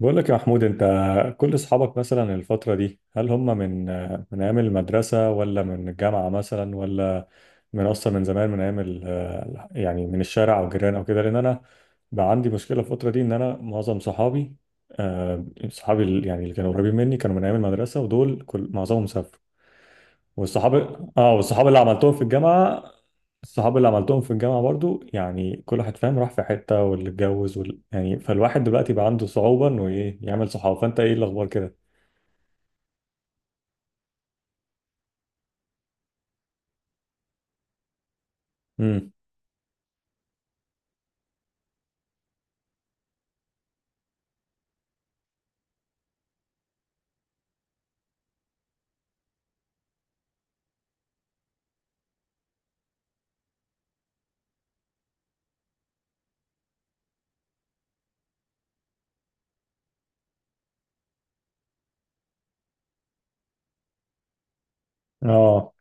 بقول لك يا محمود، انت كل اصحابك مثلا الفترة دي هل هم من ايام المدرسة ولا من الجامعة مثلا ولا من اصلا من زمان من ايام من الشارع او جيران او كده، لان انا بقى عندي مشكلة الفترة دي ان انا معظم صحابي آه، صحابي اللي كانوا قريبين مني كانوا من ايام المدرسة، ودول كل معظمهم سافروا. والصحاب اه والصحاب اللي عملتهم في الجامعة، الصحاب اللي عملتهم في الجامعة برضو يعني كل واحد فاهم راح في حتة، واللي اتجوز وال... يعني فالواحد دلوقتي بقى عنده صعوبة انه ايه يعمل صحاب. فانت ايه الاخبار كده؟ امم. اه.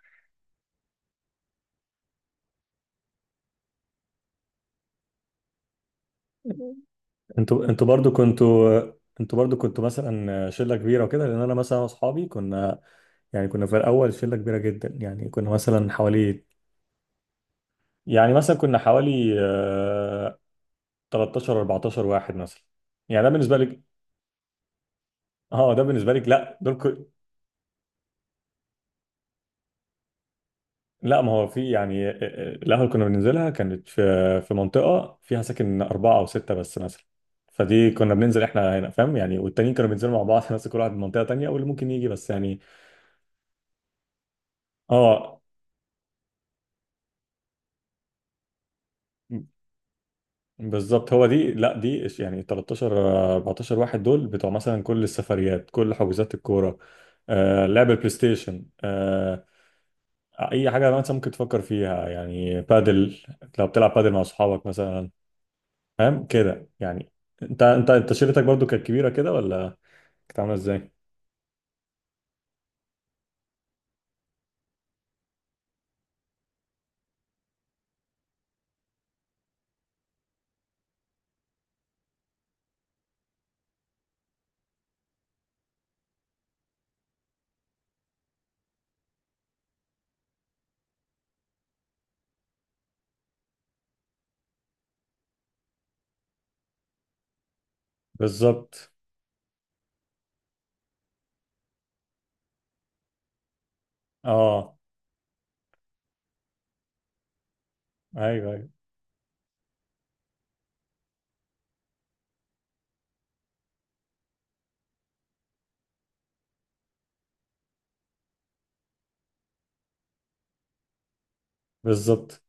انتوا انتوا برضو كنتوا انتوا برضو كنتوا مثلا شلة كبيرة وكده، لان انا مثلا واصحابي كنا في الاول شلة كبيرة جدا، يعني كنا مثلا حوالي، يعني مثلا كنا حوالي 13 14 واحد مثلا. يعني ده بالنسبة لك. اه ده بالنسبه لك، لا دول. لا، ما هو في يعني القهوة اللي كنا بننزلها كانت في منطقة فيها ساكن أربعة أو ستة بس مثلا، فدي كنا بننزل احنا هنا فاهم يعني، والتانيين كانوا بينزلوا مع بعض ناس، كل واحد من منطقة تانية واللي ممكن يجي بس يعني. اه بالظبط، هو دي، لا دي 13 14 واحد دول بتوع مثلا كل السفريات، كل حجوزات الكورة، لعب البلاي ستيشن، أي حاجة مثلا ممكن تفكر فيها، يعني بادل، لو بتلعب بادل مع أصحابك مثلا، فاهم كده يعني. انت شركتك برضو كانت كبيره كده ولا كانت عامله ازاي؟ بالظبط. اه. ايوه ايوه. بالظبط.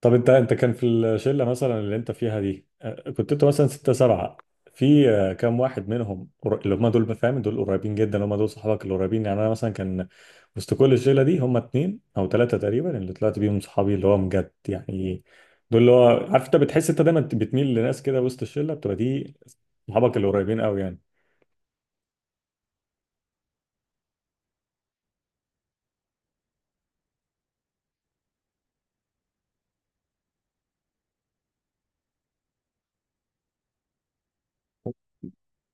طب انت كان في الشله مثلا اللي انت فيها دي كنت انت مثلا ستة سبعة، في كام واحد منهم اللي هم دول فاهم، دول قريبين جدا، هم دول صحابك القريبين؟ يعني انا مثلا كان وسط كل الشله دي هم اتنين او ثلاثه تقريبا اللي طلعت بيهم صحابي اللي هو بجد يعني، دول اللي هو عارف انت بتحس انت دايما بتميل لناس كده وسط الشله بتبقى دي صحابك القريبين قوي يعني.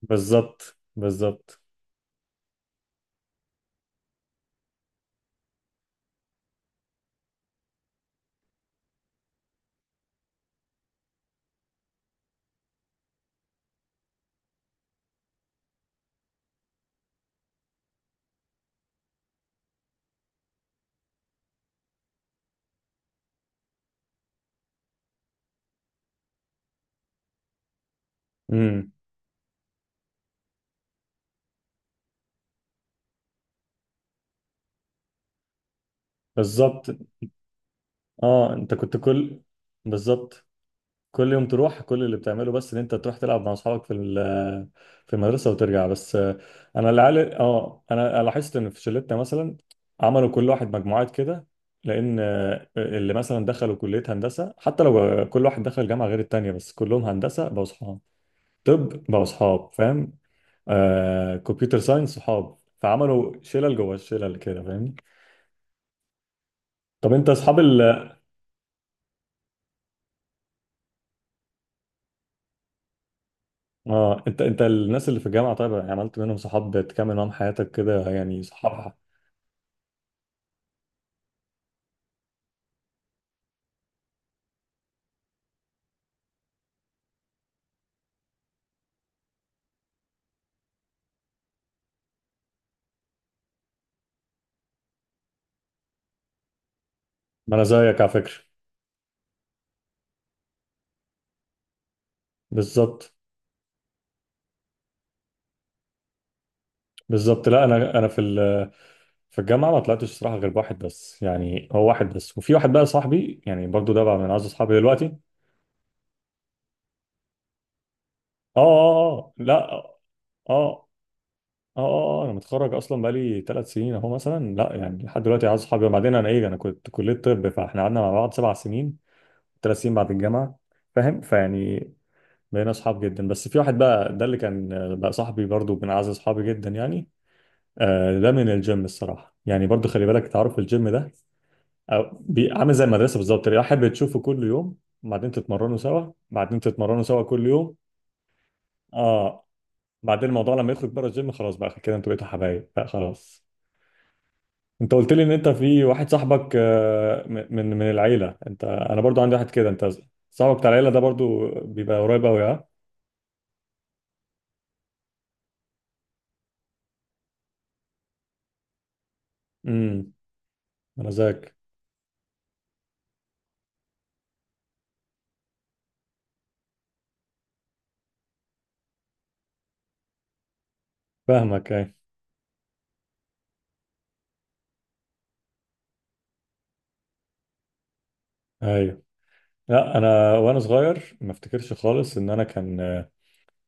بالظبط بالظبط. امم. بالظبط. اه. انت كنت كل بالظبط كل يوم تروح، كل اللي بتعمله بس ان انت تروح تلعب مع اصحابك في في المدرسه وترجع بس. انا العيال اه انا أنا لاحظت ان في شلتنا مثلا عملوا كل واحد مجموعات كده، لان اللي مثلا دخلوا كليه هندسه حتى لو كل واحد دخل جامعه غير التانيه بس كلهم هندسه بقوا اصحاب. طب بقوا اصحاب فاهم، كمبيوتر ساينس صحاب، فعملوا شلل جوه الشلل كده فاهمني؟ طب انت اصحاب ال اه انت انت الناس اللي في الجامعه طيب، يعني عملت منهم صحاب تكمل معاهم حياتك كده، يعني صحاب؟ ما انا زيك على فكره. بالظبط بالظبط. لا انا في في الجامعه ما طلعتش الصراحه غير بواحد بس، يعني هو واحد بس، وفي واحد بقى صاحبي يعني برضو ده بقى من اعز اصحابي دلوقتي. اه اه اه. آه. لا. اه. اه. اه. آه. انا متخرج اصلا بقالي 3 سنين اهو مثلا، لا يعني لحد دلوقتي اعز اصحابي. وبعدين انا ايه، انا كنت كليه طب، فاحنا قعدنا مع بعض 7 سنين، 3 سنين بعد الجامعه فاهم فيعني، بقينا اصحاب جدا. بس في واحد بقى ده اللي كان بقى صاحبي برضو من اعز اصحابي جدا يعني. ده من الجيم الصراحه يعني، برضو خلي بالك تعرف الجيم ده أو عامل زي المدرسه بالظبط، يعني احب تشوفه كل يوم، بعدين تتمرنوا سوا، بعدين تتمرنوا سوا كل يوم. اه. بعدين الموضوع لما يخرج بره الجيم خلاص، بقى كده انتوا بقيتوا حبايب بقى خلاص. انت قلت لي ان انت في واحد صاحبك من العيله، انت. انا برضو عندي واحد كده، انت صاحبك بتاع العيله ده برضو بيبقى قريب قوي ها؟ امم. انا زيك. فاهمك. اي ايوه. لا انا وانا صغير ما افتكرش خالص ان انا كان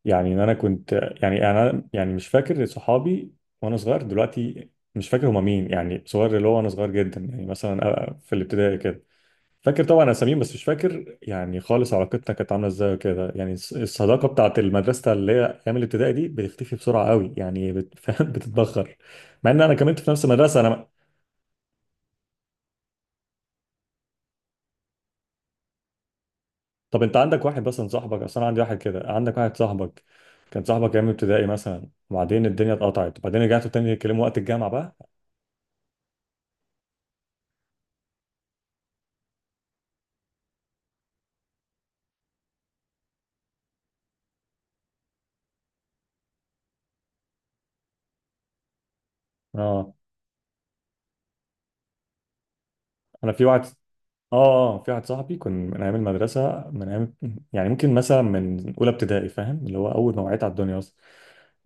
يعني ان انا كنت يعني انا يعني مش فاكر صحابي وانا صغير دلوقتي، مش فاكر هما مين، يعني صغير اللي هو وانا صغير جدا، يعني مثلا في الابتدائي كده. فاكر طبعا اساميهم بس مش فاكر يعني خالص علاقتنا كانت عامله ازاي وكده، يعني الصداقه بتاعت المدرسه اللي هي ايام الابتدائي دي بتختفي بسرعه قوي يعني، فاهم بتتبخر، مع ان انا كملت في نفس المدرسه انا. طب انت عندك واحد مثلا صاحبك، اصل انا عندي واحد كده، عندك واحد صاحبك كان صاحبك ايام ابتدائي مثلا، وبعدين الدنيا اتقطعت، وبعدين رجعتوا تاني يتكلموا وقت الجامعه بقى؟ اه. انا في واحد اه اه في واحد صاحبي كان من ايام المدرسه، من ايام يعني ممكن مثلا من اولى ابتدائي فاهم، اللي هو اول ما وعيت على الدنيا اصلا.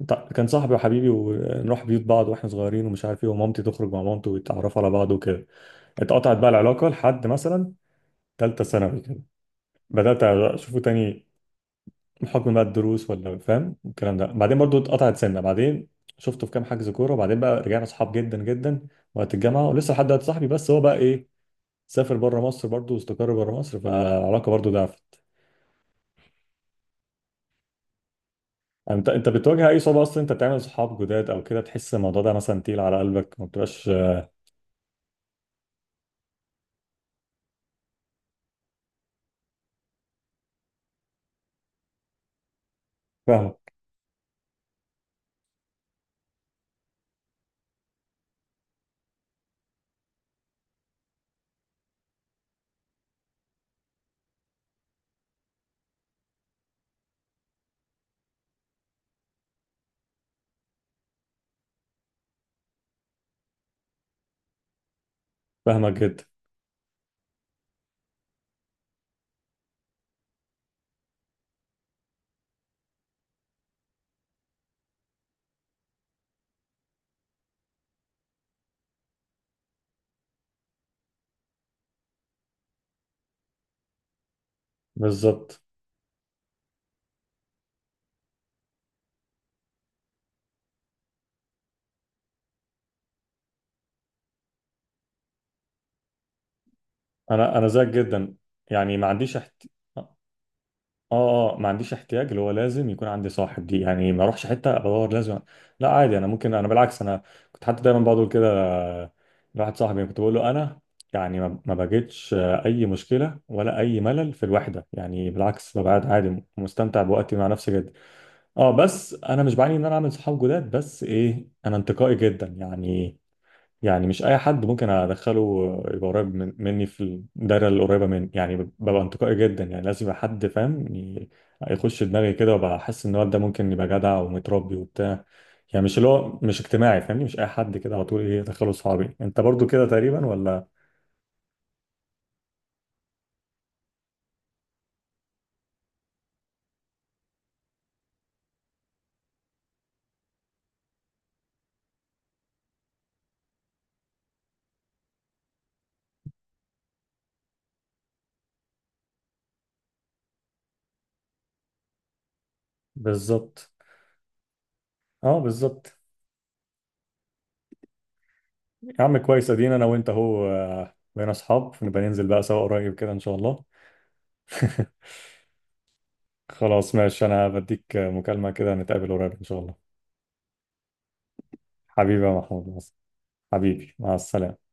كان صاحبي وحبيبي، ونروح بيوت بعض واحنا صغيرين، ومش عارف ايه، ومامتي تخرج مع مامته ويتعرفوا على بعض وكده. اتقطعت بقى العلاقه لحد مثلا ثالثه ثانوي كده، بدات اشوفه تاني بحكم بقى الدروس ولا فاهم الكلام ده، بعدين برضو اتقطعت سنه، بعدين شفته في كام حجز كوره، وبعدين بقى رجعنا اصحاب جدا جدا وقت الجامعه، ولسه لحد دلوقتي صاحبي، بس هو بقى ايه، سافر بره مصر برضو واستقر بره مصر، فالعلاقه برضو ضعفت. يعني انت بتواجه اي صعوبه اصلا انت تعمل صحاب جداد او كده، تحس الموضوع ده مثلا تقيل على قلبك ما بتبقاش؟ فاهمك. فاهمك جدا. بالظبط. انا زيك جدا، يعني ما عنديش احت... اه اه ما عنديش احتياج اللي هو لازم يكون عندي صاحب دي، يعني ما اروحش حته بدور لازم، لا عادي. انا ممكن، انا بالعكس، انا كنت حتى دايما بقول كده لواحد صاحبي، كنت بقول له انا يعني ما بجدش اي مشكله ولا اي ملل في الوحده، يعني بالعكس ببقى قاعد عادي مستمتع بوقتي مع نفسي جدا. اه. بس انا مش بعاني ان انا اعمل صحاب جداد، بس ايه، انا انتقائي جدا يعني، يعني مش اي حد ممكن ادخله يبقى قريب مني في الدايره اللي قريبه مني، يعني ببقى انتقائي جدا يعني، لازم يبقى حد فاهم يخش دماغي كده، وابقى احس ان الواد ده ممكن يبقى جدع ومتربي وبتاع، يعني مش اللي هو مش اجتماعي فاهمني، مش اي حد كده على طول ايه ادخله صحابي. انت برضو كده تقريبا ولا؟ بالظبط. اه. بالظبط. يا عم كويس، ادينا انا وانت اهو بقينا اصحاب، نبقى ننزل بقى سوا قريب كده ان شاء الله. خلاص ماشي، انا بديك مكالمه كده، نتقابل قريب ان شاء الله. حبيبي يا محمود. حبيبي، مع السلامة.